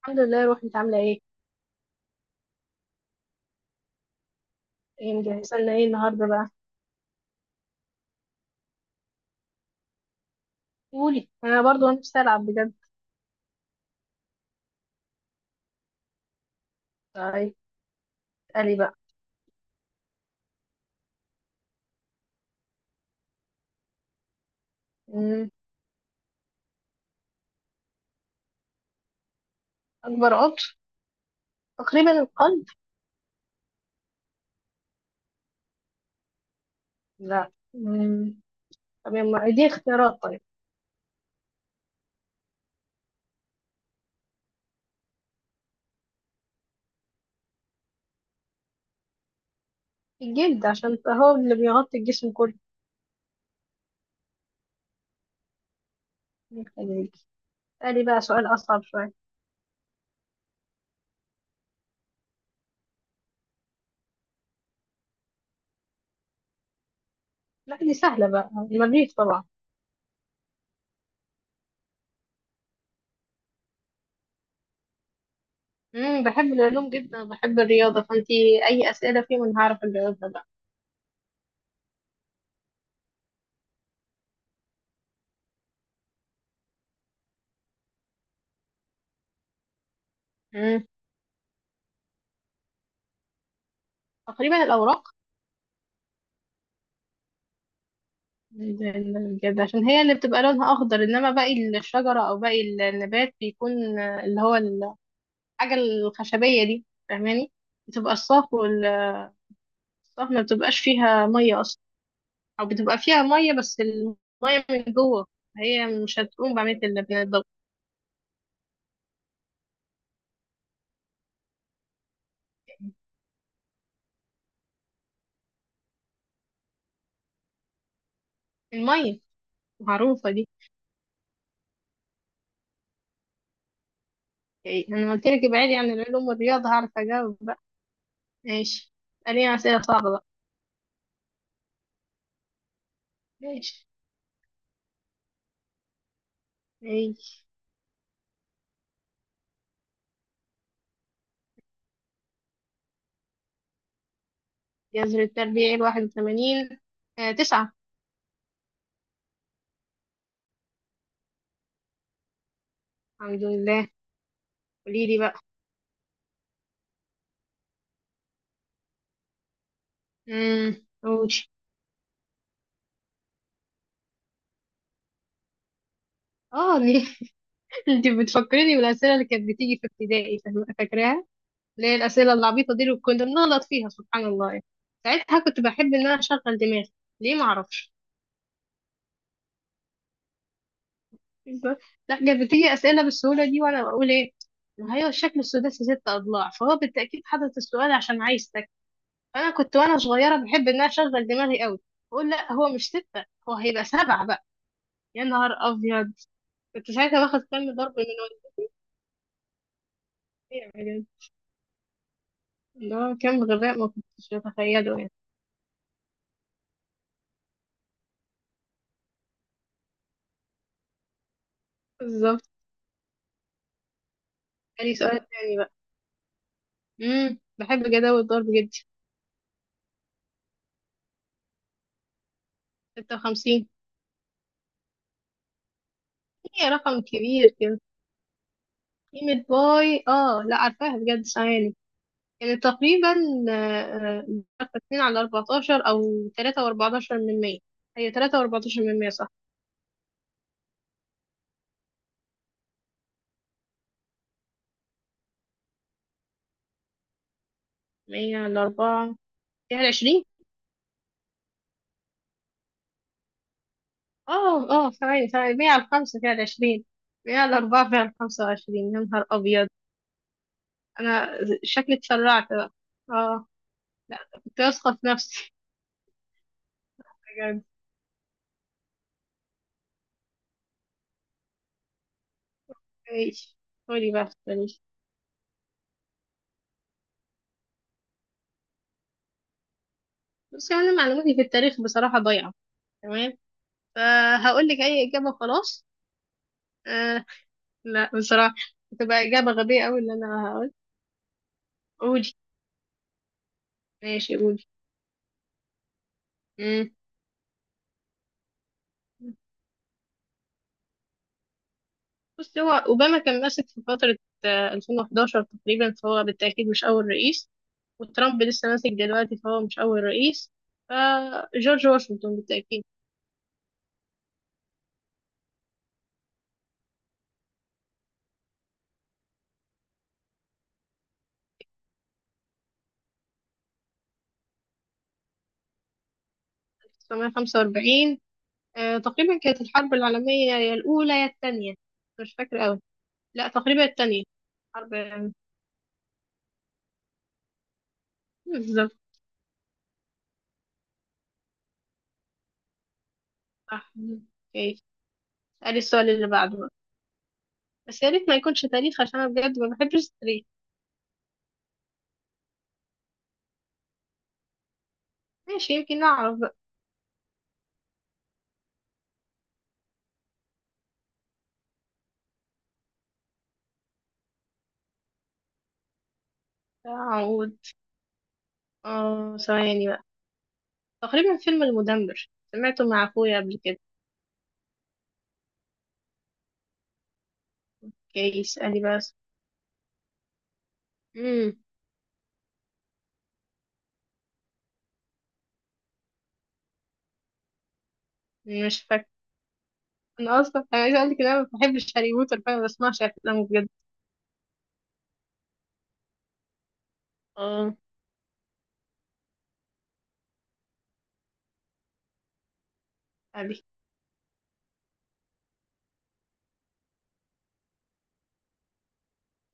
الحمد لله روحي، انت عامله ايه؟ ايه مجهزه لنا ايه النهارده بقى؟ قولي، انا برضو انا نفسي العب بجد. طيب. قالي بقى. مم. اكبر عضو؟ تقريبا القلب. لا. مم. طب يما دي اختيارات. طيب. الجلد عشان هو اللي بيغطي الجسم كله. خليك. قالي بقى سؤال اصعب شويه. لا، دي سهله بقى، المريض طبعا. مم. بحب العلوم جدا، بحب الرياضه، فانتي اي اسئله فيهم انا هعرف اجاوبها بقى. مم. تقريبا الاوراق. بجد، عشان هي اللي بتبقى لونها اخضر، انما باقي الشجره او باقي النبات بيكون اللي هو الحاجه الخشبيه دي، فاهماني؟ بتبقى الصاف والصاف، ما بتبقاش فيها ميه اصلا، او بتبقى فيها ميه بس الميه من جوه، هي مش هتقوم بعمليه الضوء. الميه، معروفه دي. يعني انا قلت لك ابعدي عن العلوم والرياضه هعرف اجاوب بقى. ماشي. اساليني اسئله صعبه بقى. ماشي، ماشي. جذر التربيع 81، 9. الحمد لله، قولي لي بقى. قولي. اه ليه؟ انت بتفكريني بالاسئله اللي كانت بتيجي في ابتدائي، فاكراها، اللي هي الاسئله العبيطه دي اللي كنا بنغلط فيها، سبحان الله يعني. ساعتها كنت بحب ان انا اشغل دماغي، ليه ما اعرفش. لا، كانت بتيجي اسئله بالسهوله دي وانا بقول ايه، ما هي الشكل السداسي 6 اضلاع فهو بالتاكيد حدد السؤال عشان عايز تك، فانا كنت وانا صغيره بحب ان انا اشغل دماغي قوي، بقول لا هو مش 6 هو هيبقى 7 بقى، يا نهار ابيض. كنت ساعتها باخد كم ضرب من والدتي. ده كان غباء ما كنتش أتخيله يعني. بالظبط. تاني سؤال تاني بقى. بحب جداول الضرب جدا. 56. هي رقم كبير كده. قيمة باي، لا عارفاها بجد، ثواني، يعني تقريبا، آه، 2 على 14 أو 3 و14 من 100. هي 3 و14 من 100، صح؟ 100 على 4 فيها 20. اه ثواني ثواني، 100 على 5 فيها 20، 100 على 4 فيها 25، يا نهار أبيض. أنا شكلي اتسرعت بقى. اه. كنت واثقة في نفسي. بجد. ماشي، قولي بقى، ماليش. بس أنا معلوماتي في التاريخ بصراحة ضايعة، تمام، فهقول لك أي إجابة خلاص. آه لا بصراحة، هتبقى إجابة غبية أوي اللي أنا هقول. قولي. ماشي، قولي. مم. بصي، هو أوباما كان ماسك في فترة، 2011 تقريبا، فهو بالتأكيد مش أول رئيس، وترامب لسه ماسك دلوقتي فهو مش أول رئيس، فجورج واشنطن بالتأكيد. 1945. تقريبا كانت الحرب العالمية يا الأولى يا التانية. مش فاكرة أوي. لا، تقريبا التانية. حرب بالظبط. صح. اوكي، اسألي السؤال اللي بعده بقى، بس يا ريت ما يكونش تاريخ عشان أنا بجد ما بحبش التاريخ. ماشي، يمكن أعرف بقى. أعود. اه ثواني بقى، تقريبا فيلم المدمر، سمعته مع أخويا قبل كده. اوكي، اسألي بس. مم. مش فاكرة. أنا أصلا عايزة أقولك إن أنا ما بحبش هاري بوتر، فأنا ما بسمعش أفلامه بجد. اه. أبي.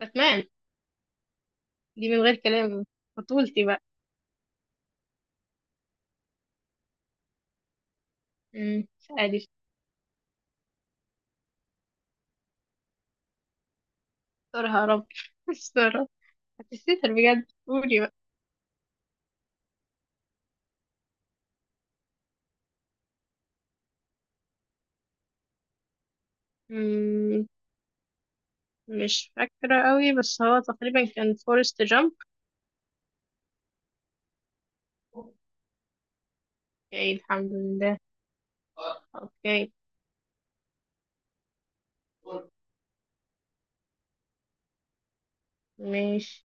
باتمان. دي من غير كلام، بطولتي بقى. امم عادي. استرها يا رب. استرها. هتستر بجد، قولي بقى. امم مش فاكرة قوي بس هو تقريبا كان فورست جامب. اوكي الحمد لله. اوكي. ماشي.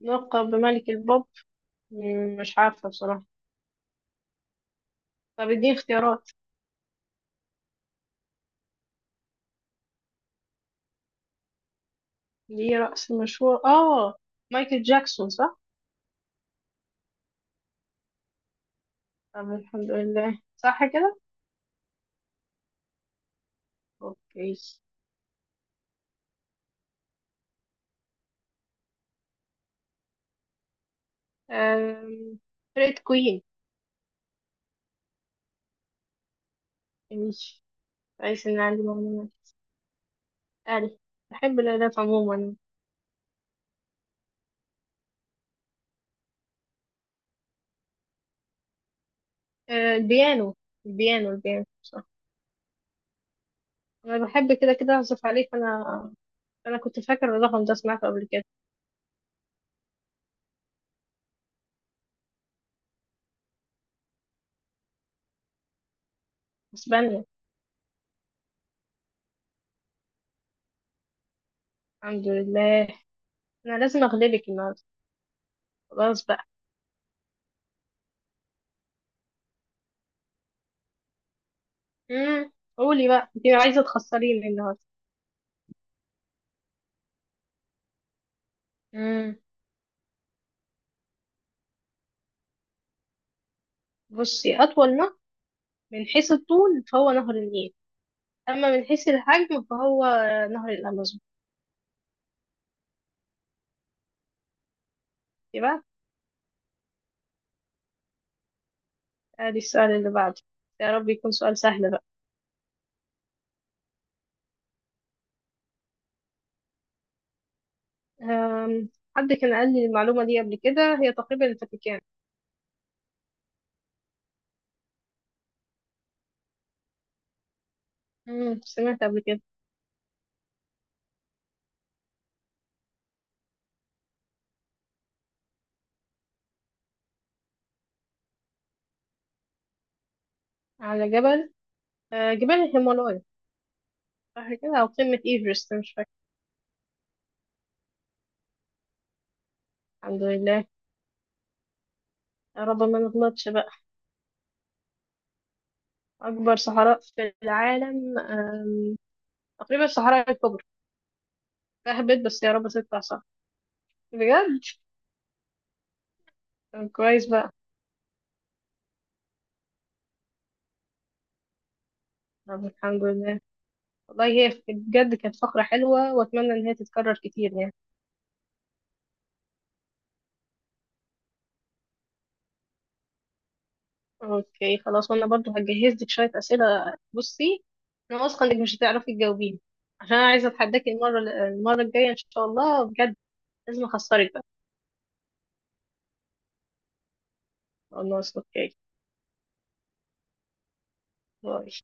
لقب بملك البوب. مش عارفة بصراحة. طب اديني اختيارات. ليه رأس مشهور، اه، مايكل جاكسون صح؟ طب الحمد لله، صح كده؟ اوكي. أم... فرقة كوين. ماشي، كويس ان عندي معلومات. ألف. بحب الآلات عموما. البيانو. البيانو البيانو صح. أنا بحب كده كده أعزف عليه، فأنا كنت فاكرة الرقم ده سمعته قبل كده. بس بني. الحمد لله. أنا لازم أغلبك النهاردة. خلاص بقى. مم. قولي بقى، أنت عايزة تخسريني النهاردة. مم. بصي، أطول نهر من حيث الطول فهو نهر النيل. أما من حيث الحجم فهو نهر الأمازون. يبقى، ادي السؤال اللي بعده، يا رب يكون سؤال سهل. أم، حد كان قال لي المعلومة دي قبل كده، هي تقريبا الفاتيكان. سمعت قبل كده. على جبل، جبال الهيمالايا. صح كده، أو قمة إيفرست، مش فاكرة. الحمد لله. يا رب ما نغلطش بقى. أكبر صحراء في العالم، تقريبا الصحراء الكبرى. فهبت بس يا رب تطلع صح. بجد. طب كويس بقى. طب الحمد لله. والله هي بجد كانت فقرة حلوة، وأتمنى إن هي تتكرر كتير يعني. اوكي خلاص، وانا برضو هجهز لك شويه اسئله، بصي، انا واثقه انك مش هتعرفي تجاوبيها، عشان انا عايزه اتحداكي المره الجايه ان شاء الله بجد، لازم اخسرك بقى. خلاص اوكي. باي.